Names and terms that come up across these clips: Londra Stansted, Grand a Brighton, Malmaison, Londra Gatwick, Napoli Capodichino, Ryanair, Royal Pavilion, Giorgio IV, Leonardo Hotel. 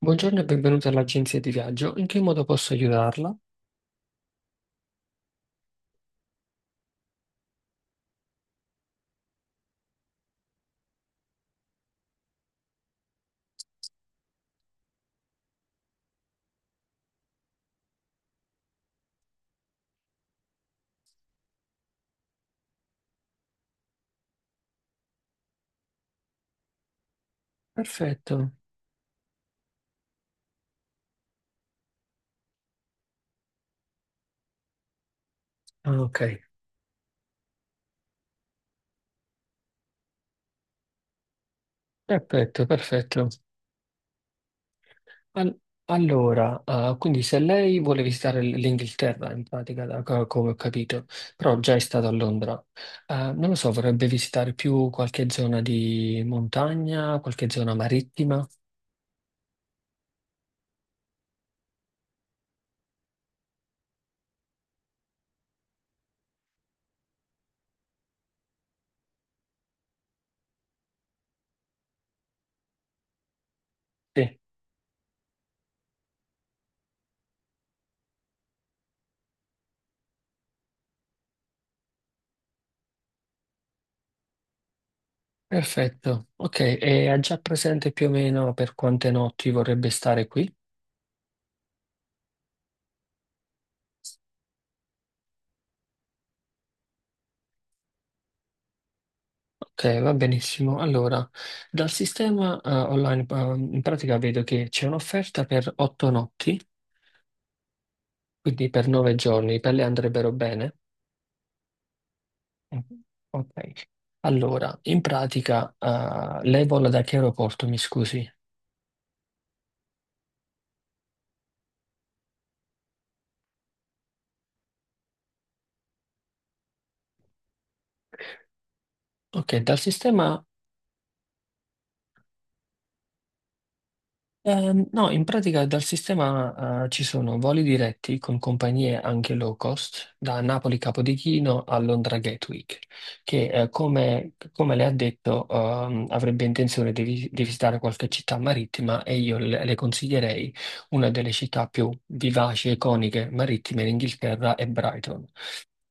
Buongiorno e benvenuta all'agenzia di viaggio. In che modo posso aiutarla? Perfetto. Ah, ok. Perfetto, perfetto. Al- allora, quindi se lei vuole visitare l'Inghilterra, in pratica, come ho capito, però già è stata a Londra. Non lo so, vorrebbe visitare più qualche zona di montagna, qualche zona marittima? Sì. Perfetto. Ok, e ha già presente più o meno per quante notti vorrebbe stare qui? Ok, va benissimo. Allora, dal sistema online, in pratica vedo che c'è un'offerta per 8 notti, quindi per 9 giorni, per lei andrebbero bene? Mm. Ok. Allora, in pratica, lei vola da che aeroporto, mi scusi? Ok, dal sistema no, in pratica dal sistema ci sono voli diretti con compagnie anche low cost da Napoli Capodichino a Londra Gatwick, che come le ha detto avrebbe intenzione di, di visitare qualche città marittima, e io le consiglierei una delle città più vivaci e iconiche marittime in Inghilterra è Brighton,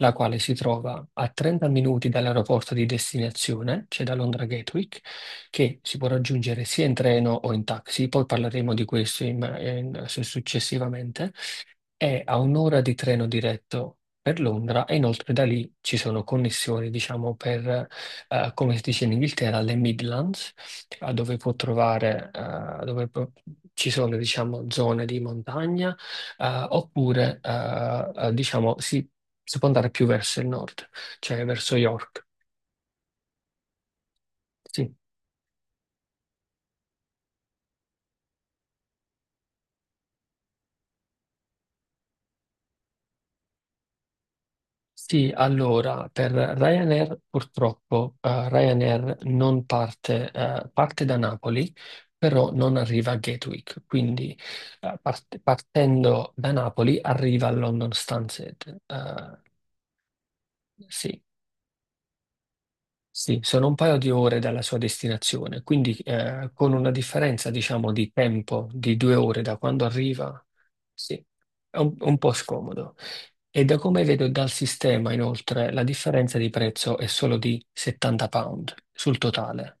la quale si trova a 30 minuti dall'aeroporto di destinazione, cioè da Londra Gatwick, che si può raggiungere sia in treno o in taxi, poi parleremo di questo successivamente. È a 1 ora di treno diretto per Londra, e inoltre da lì ci sono connessioni, diciamo, per, come si dice in Inghilterra, le Midlands, dove può trovare, ci sono, diciamo, zone di montagna, oppure, diciamo, si può andare più verso il nord, cioè verso York. Sì. Sì, allora per Ryanair purtroppo Ryanair non parte, parte da Napoli, però non arriva a Gatwick, quindi partendo da Napoli arriva a London Stansted. Sì. Sì, sono un paio di ore dalla sua destinazione, quindi con una differenza, diciamo, di tempo di 2 ore da quando arriva. Sì, è un po' scomodo. E da come vedo dal sistema, inoltre, la differenza di prezzo è solo di 70 sterline sul totale.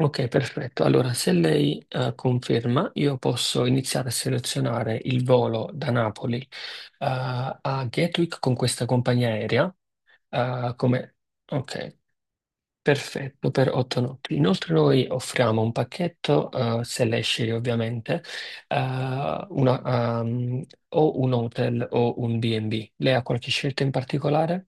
Ok, perfetto. Allora, se lei conferma, io posso iniziare a selezionare il volo da Napoli a Gatwick con questa compagnia aerea. eh, come... Ok. Perfetto, per 8 notti. Inoltre noi offriamo un pacchetto, se lei sceglie ovviamente, eh, o un hotel o un B&B. Lei ha qualche scelta in particolare?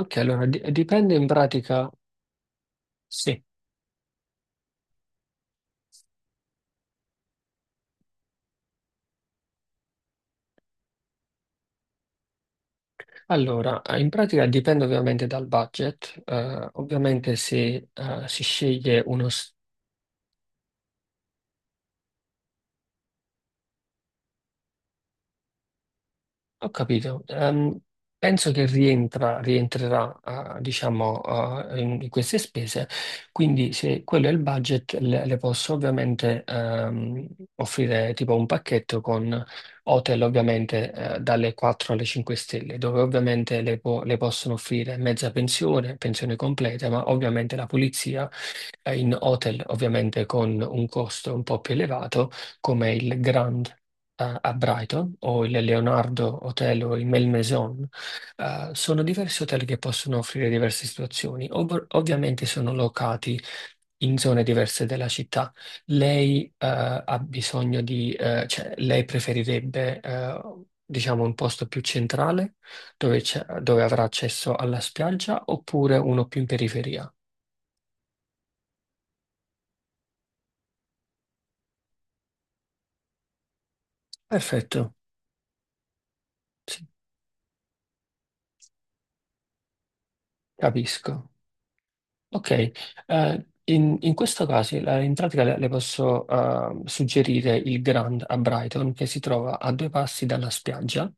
Ok, allora dipende in pratica, sì. Allora, in pratica dipende ovviamente dal budget. Ovviamente se si sceglie uno, ho capito. Penso che rientrerà, diciamo, in queste spese, quindi se quello è il budget, le posso ovviamente offrire tipo un pacchetto con hotel ovviamente dalle 4 alle 5 stelle, dove ovviamente le possono offrire mezza pensione, pensione completa, ma ovviamente la pulizia in hotel ovviamente con un costo un po' più elevato, come il Grand a Brighton o il Leonardo Hotel o il Malmaison. Sono diversi hotel che possono offrire diverse situazioni. Ovviamente sono locati in zone diverse della città. Lei, ha bisogno di, cioè, lei preferirebbe, diciamo, un posto più centrale dove, dove avrà accesso alla spiaggia, oppure uno più in periferia? Perfetto, sì, capisco. Ok, in questo caso in pratica le posso suggerire il Grand a Brighton, che si trova a due passi dalla spiaggia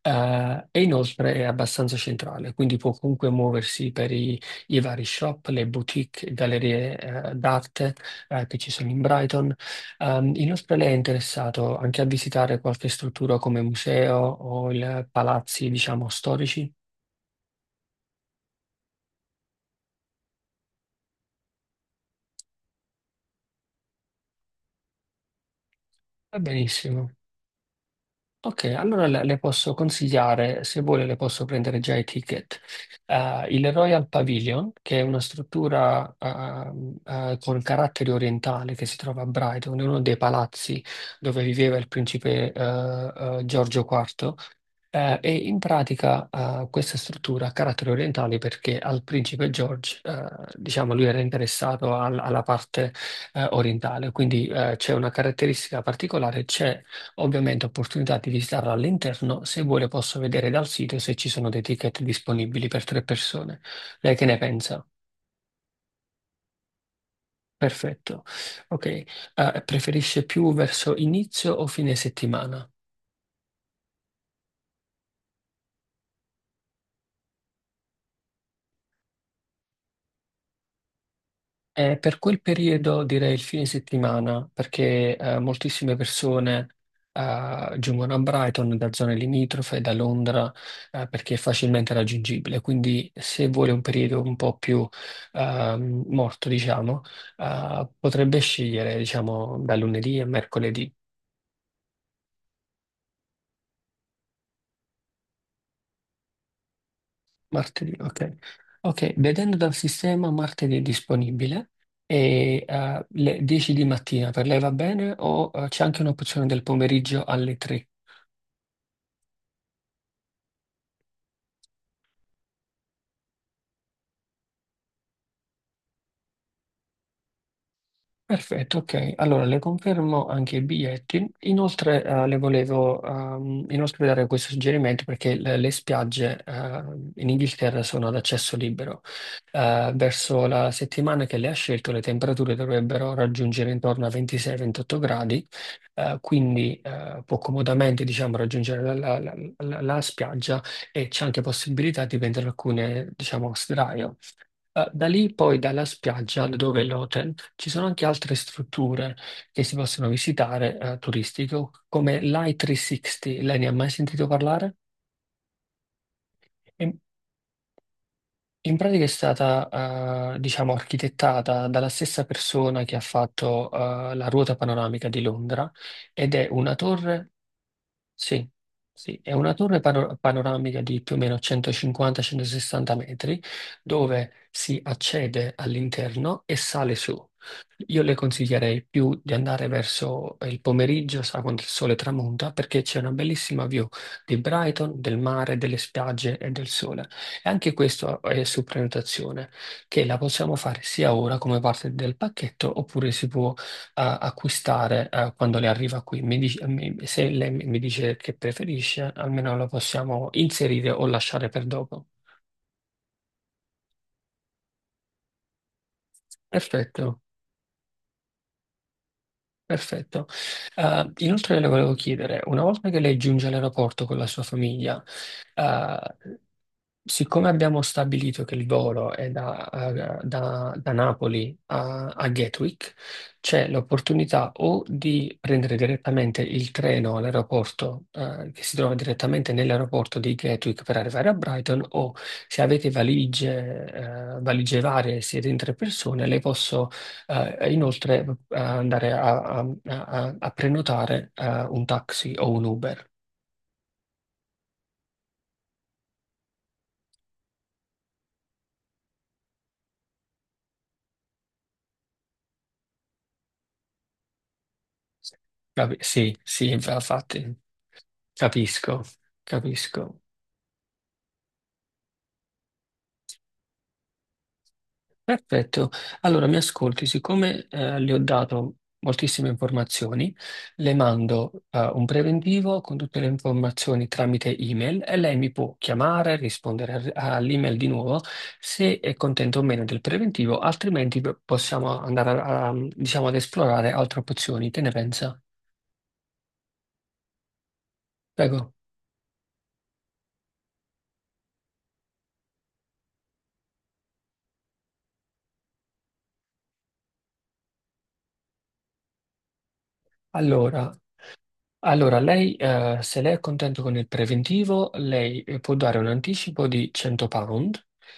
e inoltre è abbastanza centrale, quindi può comunque muoversi per i vari shop, le boutique, gallerie d'arte che ci sono in Brighton. Inoltre lei è interessato anche a visitare qualche struttura come museo o palazzi, diciamo, storici? Va benissimo. Ok, allora le posso consigliare, se vuole le posso prendere già i ticket. Il Royal Pavilion, che è una struttura con carattere orientale che si trova a Brighton, è uno dei palazzi dove viveva il principe Giorgio IV. E in pratica questa struttura ha carattere orientale perché al principe George, diciamo, lui era interessato alla parte orientale, quindi c'è una caratteristica particolare, c'è. Ovviamente ho opportunità di visitarlo all'interno, se vuole posso vedere dal sito se ci sono dei ticket disponibili per 3 persone. Lei che ne pensa? Perfetto. Ok. Preferisce più verso inizio o fine settimana? Per quel periodo direi il fine settimana, perché moltissime persone giungono a Brighton da zone limitrofe, da Londra, perché è facilmente raggiungibile. Quindi se vuole un periodo un po' più morto, diciamo, potrebbe scegliere, diciamo, da lunedì a mercoledì, martedì, ok. Ok, vedendo dal sistema martedì è disponibile. E le 10 di mattina per lei va bene, o c'è anche un'opzione del pomeriggio alle 3? Perfetto, ok. Allora le confermo anche i biglietti. Inoltre le volevo inoltre dare questo suggerimento perché le spiagge in Inghilterra sono ad accesso libero. Verso la settimana che lei ha scelto le temperature dovrebbero raggiungere intorno a 26-28 gradi, quindi può comodamente diciamo, raggiungere la spiaggia, e c'è anche possibilità di prendere alcune diciamo, sdraio. Da lì poi dalla spiaggia dove è l'hotel ci sono anche altre strutture che si possono visitare turistiche, come l'I360. Lei ne ha mai sentito parlare? In, In pratica è stata diciamo architettata dalla stessa persona che ha fatto la ruota panoramica di Londra, ed è una torre, sì, sì, è una torre panoramica di più o meno 150-160 metri, dove si accede all'interno e sale su. Io le consiglierei più di andare verso il pomeriggio, sa, quando il sole tramonta, perché c'è una bellissima view di Brighton, del mare, delle spiagge e del sole. E anche questo è su prenotazione, che la possiamo fare sia ora come parte del pacchetto, oppure si può acquistare quando le arriva qui. Se lei mi dice che preferisce, almeno la possiamo inserire o lasciare per dopo. Perfetto. Perfetto. Inoltre le volevo chiedere, una volta che lei giunge all'aeroporto con la sua famiglia, eh, siccome abbiamo stabilito che il volo è da Napoli a Gatwick, c'è l'opportunità o di prendere direttamente il treno all'aeroporto, che si trova direttamente nell'aeroporto di Gatwick per arrivare a Brighton, o se avete valigie, valigie varie, siete in 3 persone, le posso inoltre andare a prenotare un taxi o un Uber. Sì, sì, infatti, capisco, capisco. Perfetto, allora mi ascolti, siccome le ho dato moltissime informazioni, le mando un preventivo con tutte le informazioni tramite email, e lei mi può chiamare, rispondere all'email di nuovo se è contento o meno del preventivo, altrimenti possiamo andare diciamo, ad esplorare altre opzioni. Che ne pensa? Prego. Allora, Allora, lei, se lei è contento con il preventivo, lei può dare un anticipo di 100 sterline,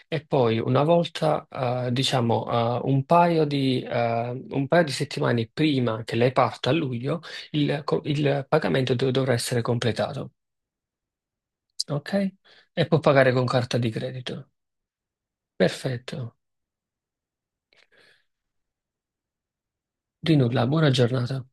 e poi una volta, diciamo, un paio di settimane prima che lei parta a luglio, il pagamento dovrà essere completato, ok? E può pagare con carta di credito. Perfetto. Di nulla, buona giornata.